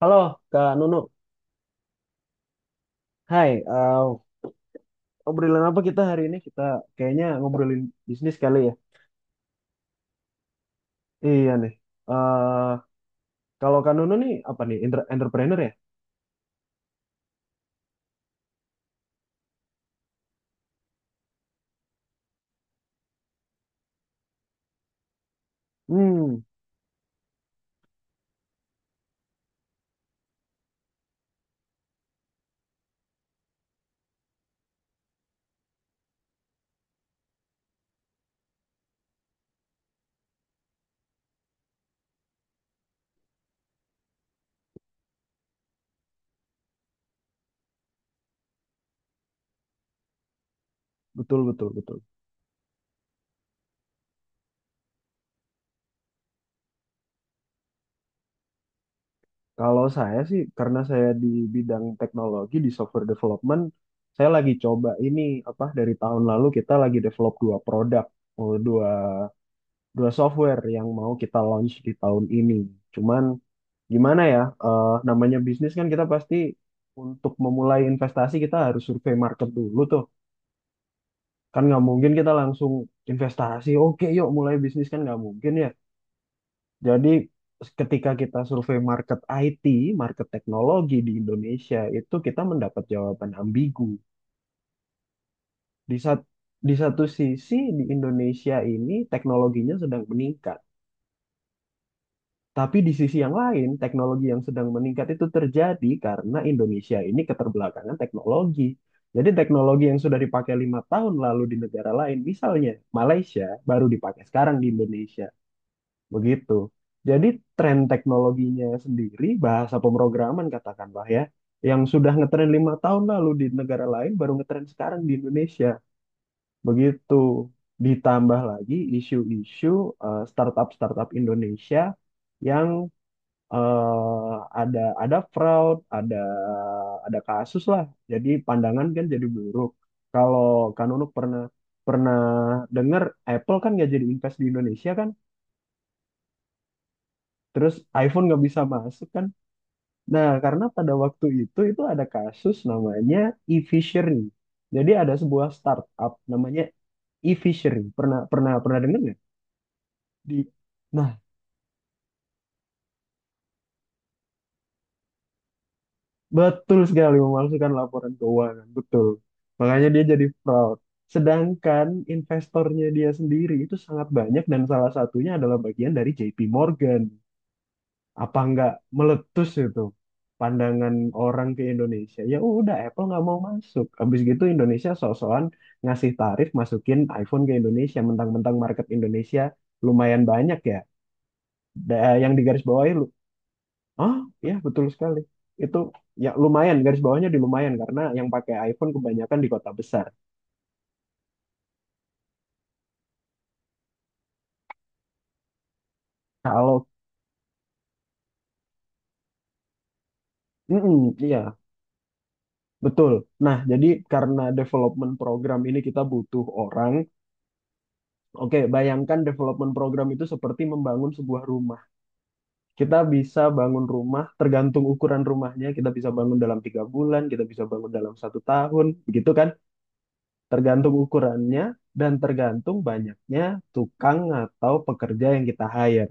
Halo, Kak Nunu. Hai, obrolan apa kita hari ini? Kita kayaknya ngobrolin bisnis kali ya. Iya nih. eh Kalau Kak Nunu nih apa nih? Entrepreneur ya? Hmm, betul betul betul. Kalau saya sih karena saya di bidang teknologi di software development, saya lagi coba ini apa dari tahun lalu kita lagi develop dua produk, oh, dua dua software yang mau kita launch di tahun ini. Cuman gimana ya, namanya bisnis kan kita pasti untuk memulai investasi kita harus survei market dulu tuh, kan nggak mungkin kita langsung investasi, oke yuk mulai bisnis kan nggak mungkin ya. Jadi ketika kita survei market IT, market teknologi di Indonesia itu kita mendapat jawaban ambigu. di sat- di satu sisi di Indonesia ini teknologinya sedang meningkat. Tapi di sisi yang lain, teknologi yang sedang meningkat itu terjadi karena Indonesia ini keterbelakangan teknologi. Jadi teknologi yang sudah dipakai 5 tahun lalu di negara lain, misalnya Malaysia, baru dipakai sekarang di Indonesia. Begitu. Jadi tren teknologinya sendiri, bahasa pemrograman katakanlah ya, yang sudah ngetren 5 tahun lalu di negara lain, baru ngetren sekarang di Indonesia. Begitu. Ditambah lagi isu-isu, startup-startup Indonesia yang eh ada fraud, ada kasus lah. Jadi pandangan kan jadi buruk. Kalau Kak Nunuk pernah pernah dengar Apple kan nggak jadi invest di Indonesia kan, terus iPhone nggak bisa masuk kan. Nah karena pada waktu itu ada kasus namanya e-fishery. Jadi ada sebuah startup namanya e-fishery. Pernah pernah pernah dengar nggak? Di Nah, betul sekali memalsukan laporan keuangan, betul. Makanya dia jadi fraud. Sedangkan investornya dia sendiri itu sangat banyak dan salah satunya adalah bagian dari JP Morgan. Apa nggak meletus itu pandangan orang ke Indonesia? Ya udah Apple nggak mau masuk. Habis gitu Indonesia sok-sokan ngasih tarif masukin iPhone ke Indonesia, mentang-mentang market Indonesia lumayan banyak ya. Yang digarisbawahi, ah, ya betul sekali. Itu ya lumayan, garis bawahnya di lumayan karena yang pakai iPhone kebanyakan di kota besar. Kalau mm, iya, betul. Nah, jadi karena development program ini kita butuh orang. Oke, bayangkan development program itu seperti membangun sebuah rumah. Kita bisa bangun rumah tergantung ukuran rumahnya. Kita bisa bangun dalam 3 bulan, kita bisa bangun dalam satu tahun, begitu kan? Tergantung ukurannya dan tergantung banyaknya tukang atau pekerja yang kita hire.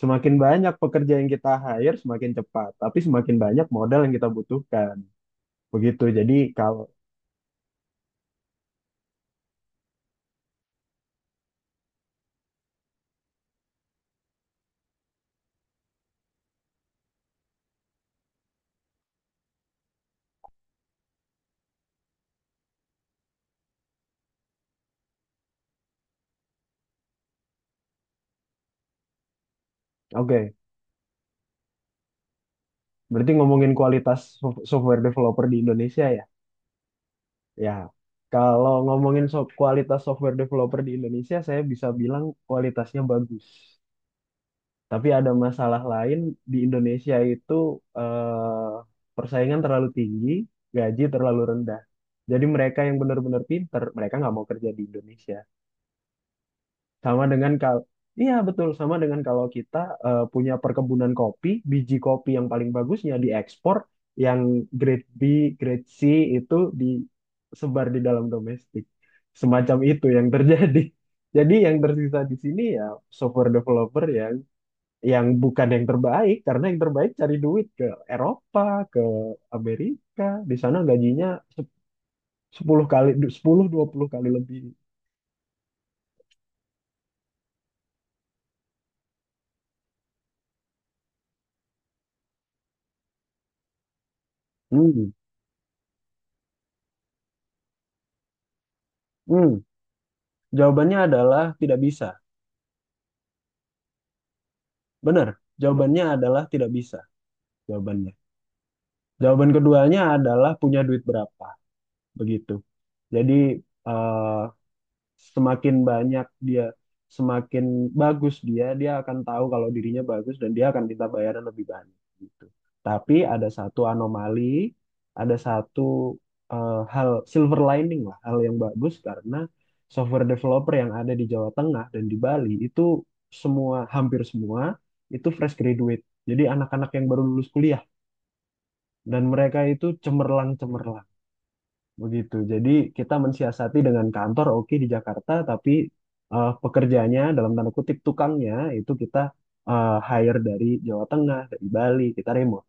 Semakin banyak pekerja yang kita hire, semakin cepat. Tapi semakin banyak modal yang kita butuhkan. Begitu. Jadi kalau Oke, berarti ngomongin kualitas software developer di Indonesia ya. Ya, kalau ngomongin kualitas software developer di Indonesia, saya bisa bilang kualitasnya bagus. Tapi ada masalah lain di Indonesia itu, eh, persaingan terlalu tinggi, gaji terlalu rendah. Jadi mereka yang benar-benar pinter, mereka nggak mau kerja di Indonesia. Sama dengan kalau Iya betul, sama dengan kalau kita punya perkebunan kopi, biji kopi yang paling bagusnya diekspor, yang grade B, grade C itu disebar di dalam domestik. Semacam itu yang terjadi. Jadi yang tersisa di sini ya software developer yang bukan yang terbaik karena yang terbaik cari duit ke Eropa, ke Amerika. Di sana gajinya se- 10 kali sepuluh dua puluh kali lebih. Hmm. Hmm. Jawabannya adalah tidak bisa. Benar, jawabannya adalah tidak bisa, jawabannya. Jawaban keduanya adalah punya duit berapa, begitu. Jadi, eh, semakin banyak dia semakin bagus dia dia akan tahu kalau dirinya bagus dan dia akan minta bayaran lebih banyak gitu. Tapi ada satu anomali, ada satu, hal silver lining lah, hal yang bagus karena software developer yang ada di Jawa Tengah dan di Bali itu semua, hampir semua itu fresh graduate, jadi anak-anak yang baru lulus kuliah, dan mereka itu cemerlang cemerlang. Begitu. Jadi kita mensiasati dengan kantor oke di Jakarta, tapi pekerjanya dalam tanda kutip tukangnya itu kita hire dari Jawa Tengah, dari Bali, kita remote.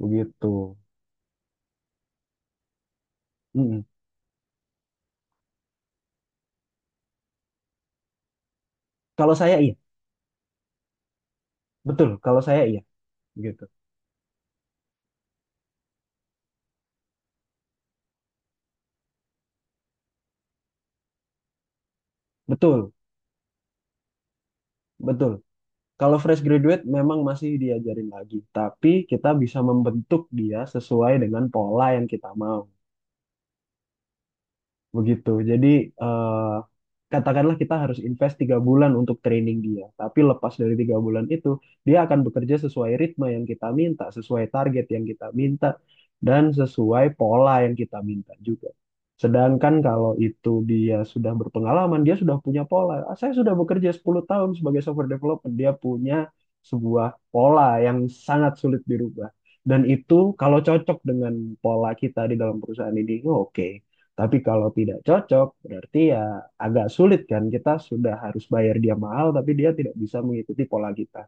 Begitu. Mm-mm. Kalau saya iya, betul. Kalau saya iya, begitu. Betul, betul. Kalau fresh graduate memang masih diajarin lagi, tapi kita bisa membentuk dia sesuai dengan pola yang kita mau. Begitu. Jadi, eh, katakanlah kita harus invest 3 bulan untuk training dia. Tapi lepas dari 3 bulan itu, dia akan bekerja sesuai ritme yang kita minta, sesuai target yang kita minta, dan sesuai pola yang kita minta juga. Sedangkan kalau itu dia sudah berpengalaman, dia sudah punya pola. "Ah, saya sudah bekerja 10 tahun sebagai software developer." Dia punya sebuah pola yang sangat sulit dirubah. Dan itu kalau cocok dengan pola kita di dalam perusahaan ini, oh, oke. Tapi kalau tidak cocok, berarti ya agak sulit kan. Kita sudah harus bayar dia mahal, tapi dia tidak bisa mengikuti pola kita.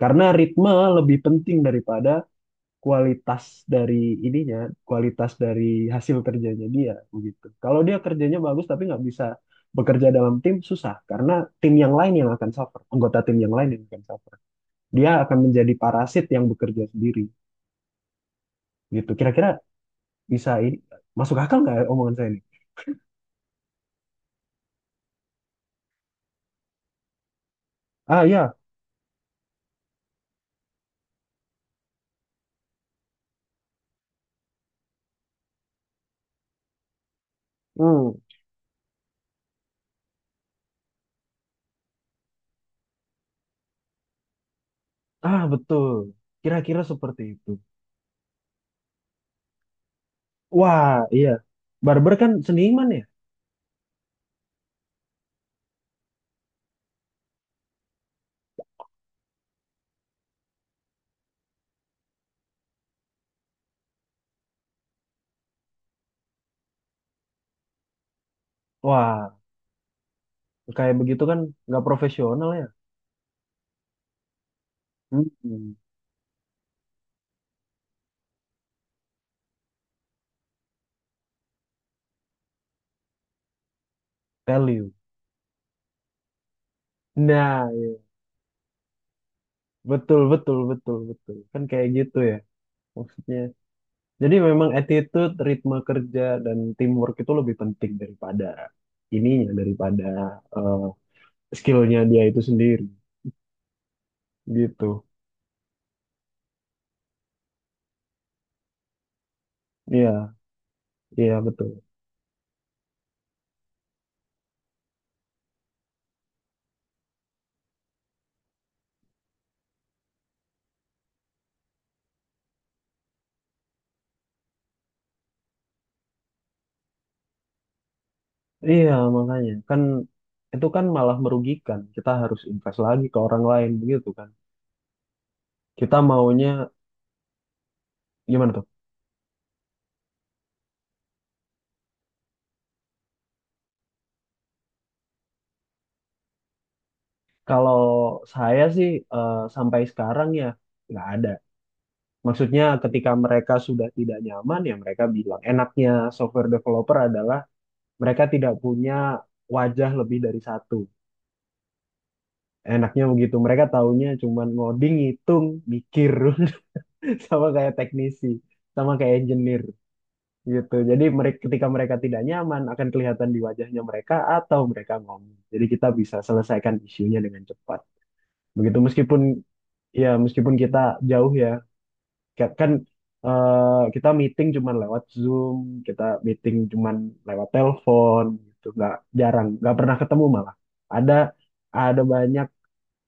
Karena ritme lebih penting daripada kualitas dari ininya, kualitas dari hasil kerjanya dia begitu. Kalau dia kerjanya bagus tapi nggak bisa bekerja dalam tim, susah. Karena tim yang lain yang akan suffer, anggota tim yang lain yang akan suffer. Dia akan menjadi parasit yang bekerja sendiri gitu. Kira-kira bisa ini, masuk akal nggak ya omongan saya ini? Ah ya, hmm, ah, betul. Kira-kira seperti itu. Wah, iya. Barber kan seniman ya? Wah, kayak begitu kan, nggak profesional ya? Hmm, tell you. Nah, betul, betul, betul, betul. Kan kayak gitu ya maksudnya. Jadi memang attitude, ritme kerja, dan teamwork itu lebih penting daripada ininya, daripada eh, skillnya dia itu sendiri. Gitu. Iya, iya betul. Iya, makanya kan itu kan malah merugikan. Kita harus invest lagi ke orang lain begitu kan. Kita maunya gimana tuh? Kalau saya sih, sampai sekarang ya nggak ada. Maksudnya ketika mereka sudah tidak nyaman ya mereka bilang enaknya software developer adalah mereka tidak punya wajah lebih dari satu. Enaknya begitu. Mereka taunya cuman ngoding, ngitung, mikir sama kayak teknisi, sama kayak engineer. Gitu. Jadi mereka ketika mereka tidak nyaman akan kelihatan di wajahnya mereka atau mereka ngomong. Jadi kita bisa selesaikan isunya dengan cepat. Begitu meskipun ya meskipun kita jauh ya, kan, kita meeting cuman lewat Zoom, kita meeting cuman lewat telepon gitu. Nggak jarang, nggak pernah ketemu malah. Ada ada banyak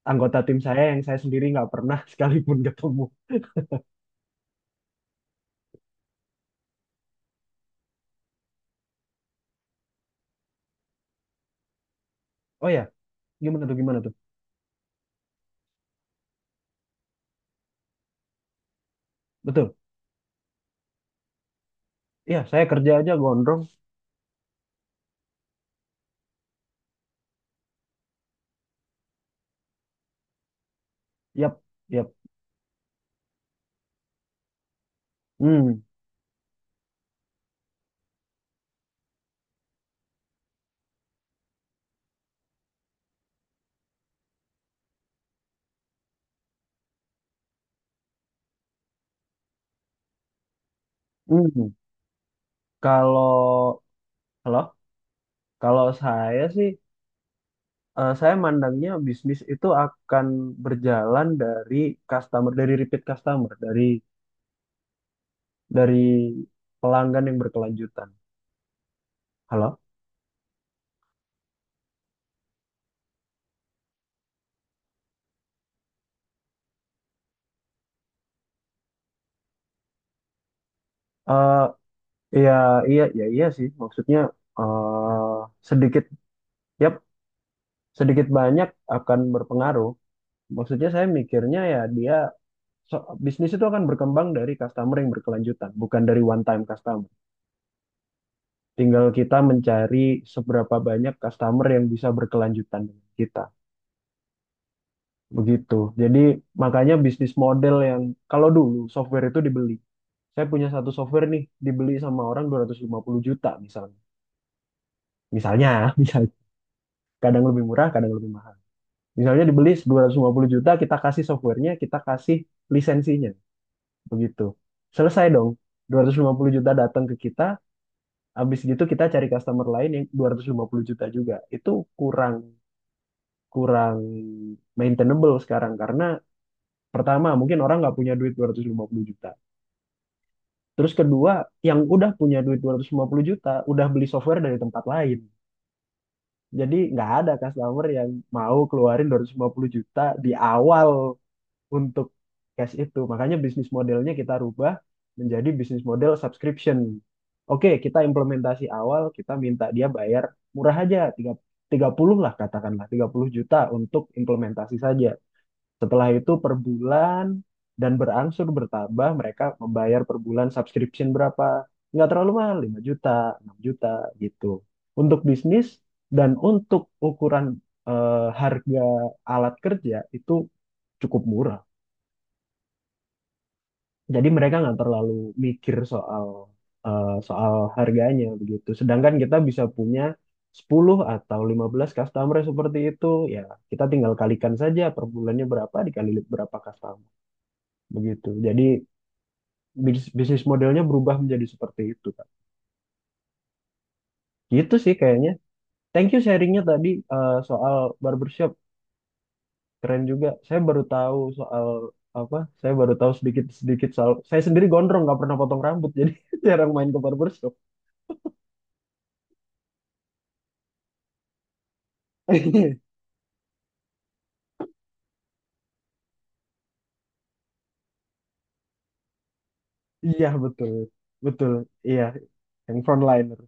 anggota tim saya yang saya sendiri nggak pernah sekalipun ketemu. Oh ya, gimana tuh gimana tuh? Betul. Iya, saya kerja aja gondrong. Yap, yap. Hmm. Hmm, Kalau halo, kalau saya sih, saya mandangnya bisnis itu akan berjalan dari customer dari repeat customer dari pelanggan yang berkelanjutan. Halo. Eh iya iya iya iya sih maksudnya, eh sedikit, yap, sedikit banyak akan berpengaruh. Maksudnya saya mikirnya ya dia, bisnis itu akan berkembang dari customer yang berkelanjutan, bukan dari one time customer. Tinggal kita mencari seberapa banyak customer yang bisa berkelanjutan dengan kita. Begitu. Jadi makanya bisnis model yang kalau dulu software itu dibeli. Saya punya satu software nih dibeli sama orang 250 juta misalnya. Misalnya, misalnya kadang lebih murah, kadang lebih mahal. Misalnya dibeli 250 juta, kita kasih softwarenya, kita kasih lisensinya. Begitu. Selesai dong. 250 juta datang ke kita, habis gitu kita cari customer lain yang 250 juta juga. Itu kurang, kurang maintainable sekarang karena pertama mungkin orang nggak punya duit 250 juta. Terus kedua, yang udah punya duit 250 juta udah beli software dari tempat lain. Jadi nggak ada customer yang mau keluarin 250 juta di awal untuk cash itu. Makanya bisnis modelnya kita rubah menjadi bisnis model subscription. Oke, kita implementasi awal, kita minta dia bayar murah aja, puluh lah katakanlah, 30 juta untuk implementasi saja. Setelah itu per bulan dan berangsur bertambah mereka membayar per bulan subscription berapa? Nggak terlalu mahal, 5 juta, 6 juta gitu. Untuk bisnis dan untuk ukuran, harga alat kerja itu cukup murah. Jadi mereka nggak terlalu mikir soal, soal harganya begitu. Sedangkan kita bisa punya 10 atau 15 customer seperti itu, ya kita tinggal kalikan saja per bulannya berapa dikali berapa customer begitu. Jadi bisnis modelnya berubah menjadi seperti itu Kak. Gitu sih kayaknya. Thank you sharingnya tadi, soal barbershop. Keren juga. Saya baru tahu soal apa? Saya baru tahu sedikit-sedikit soal. Saya sendiri gondrong nggak pernah potong rambut jadi jarang main ke barbershop. Iya betul, betul. Iya, yang frontliner.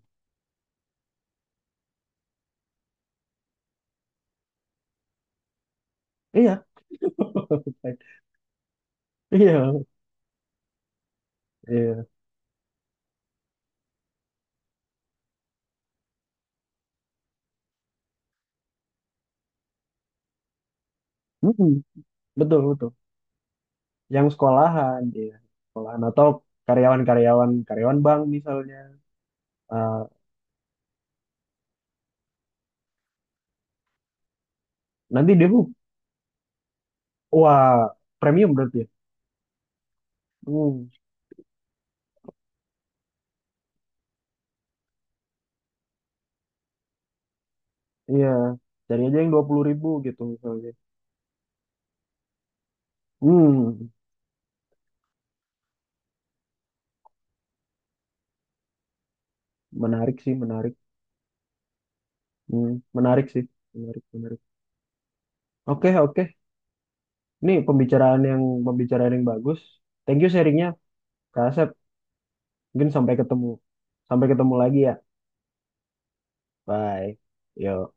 Iya. Iya, iya. Mm-mm. Betul, betul. Yang sekolahan, iya. Sekolahan atau karyawan-karyawan, karyawan bank misalnya. Eh, nanti dia Wah, premium berarti ya? Hmm, iya. Cari aja yang 20 ribu gitu misalnya. Hmm, Menarik sih, menarik. Hmm, Menarik sih, menarik, menarik. Oke, oke. Ini pembicaraan yang bagus. Thank you sharingnya, Kak Asep. Mungkin sampai ketemu lagi ya. Bye. Yo.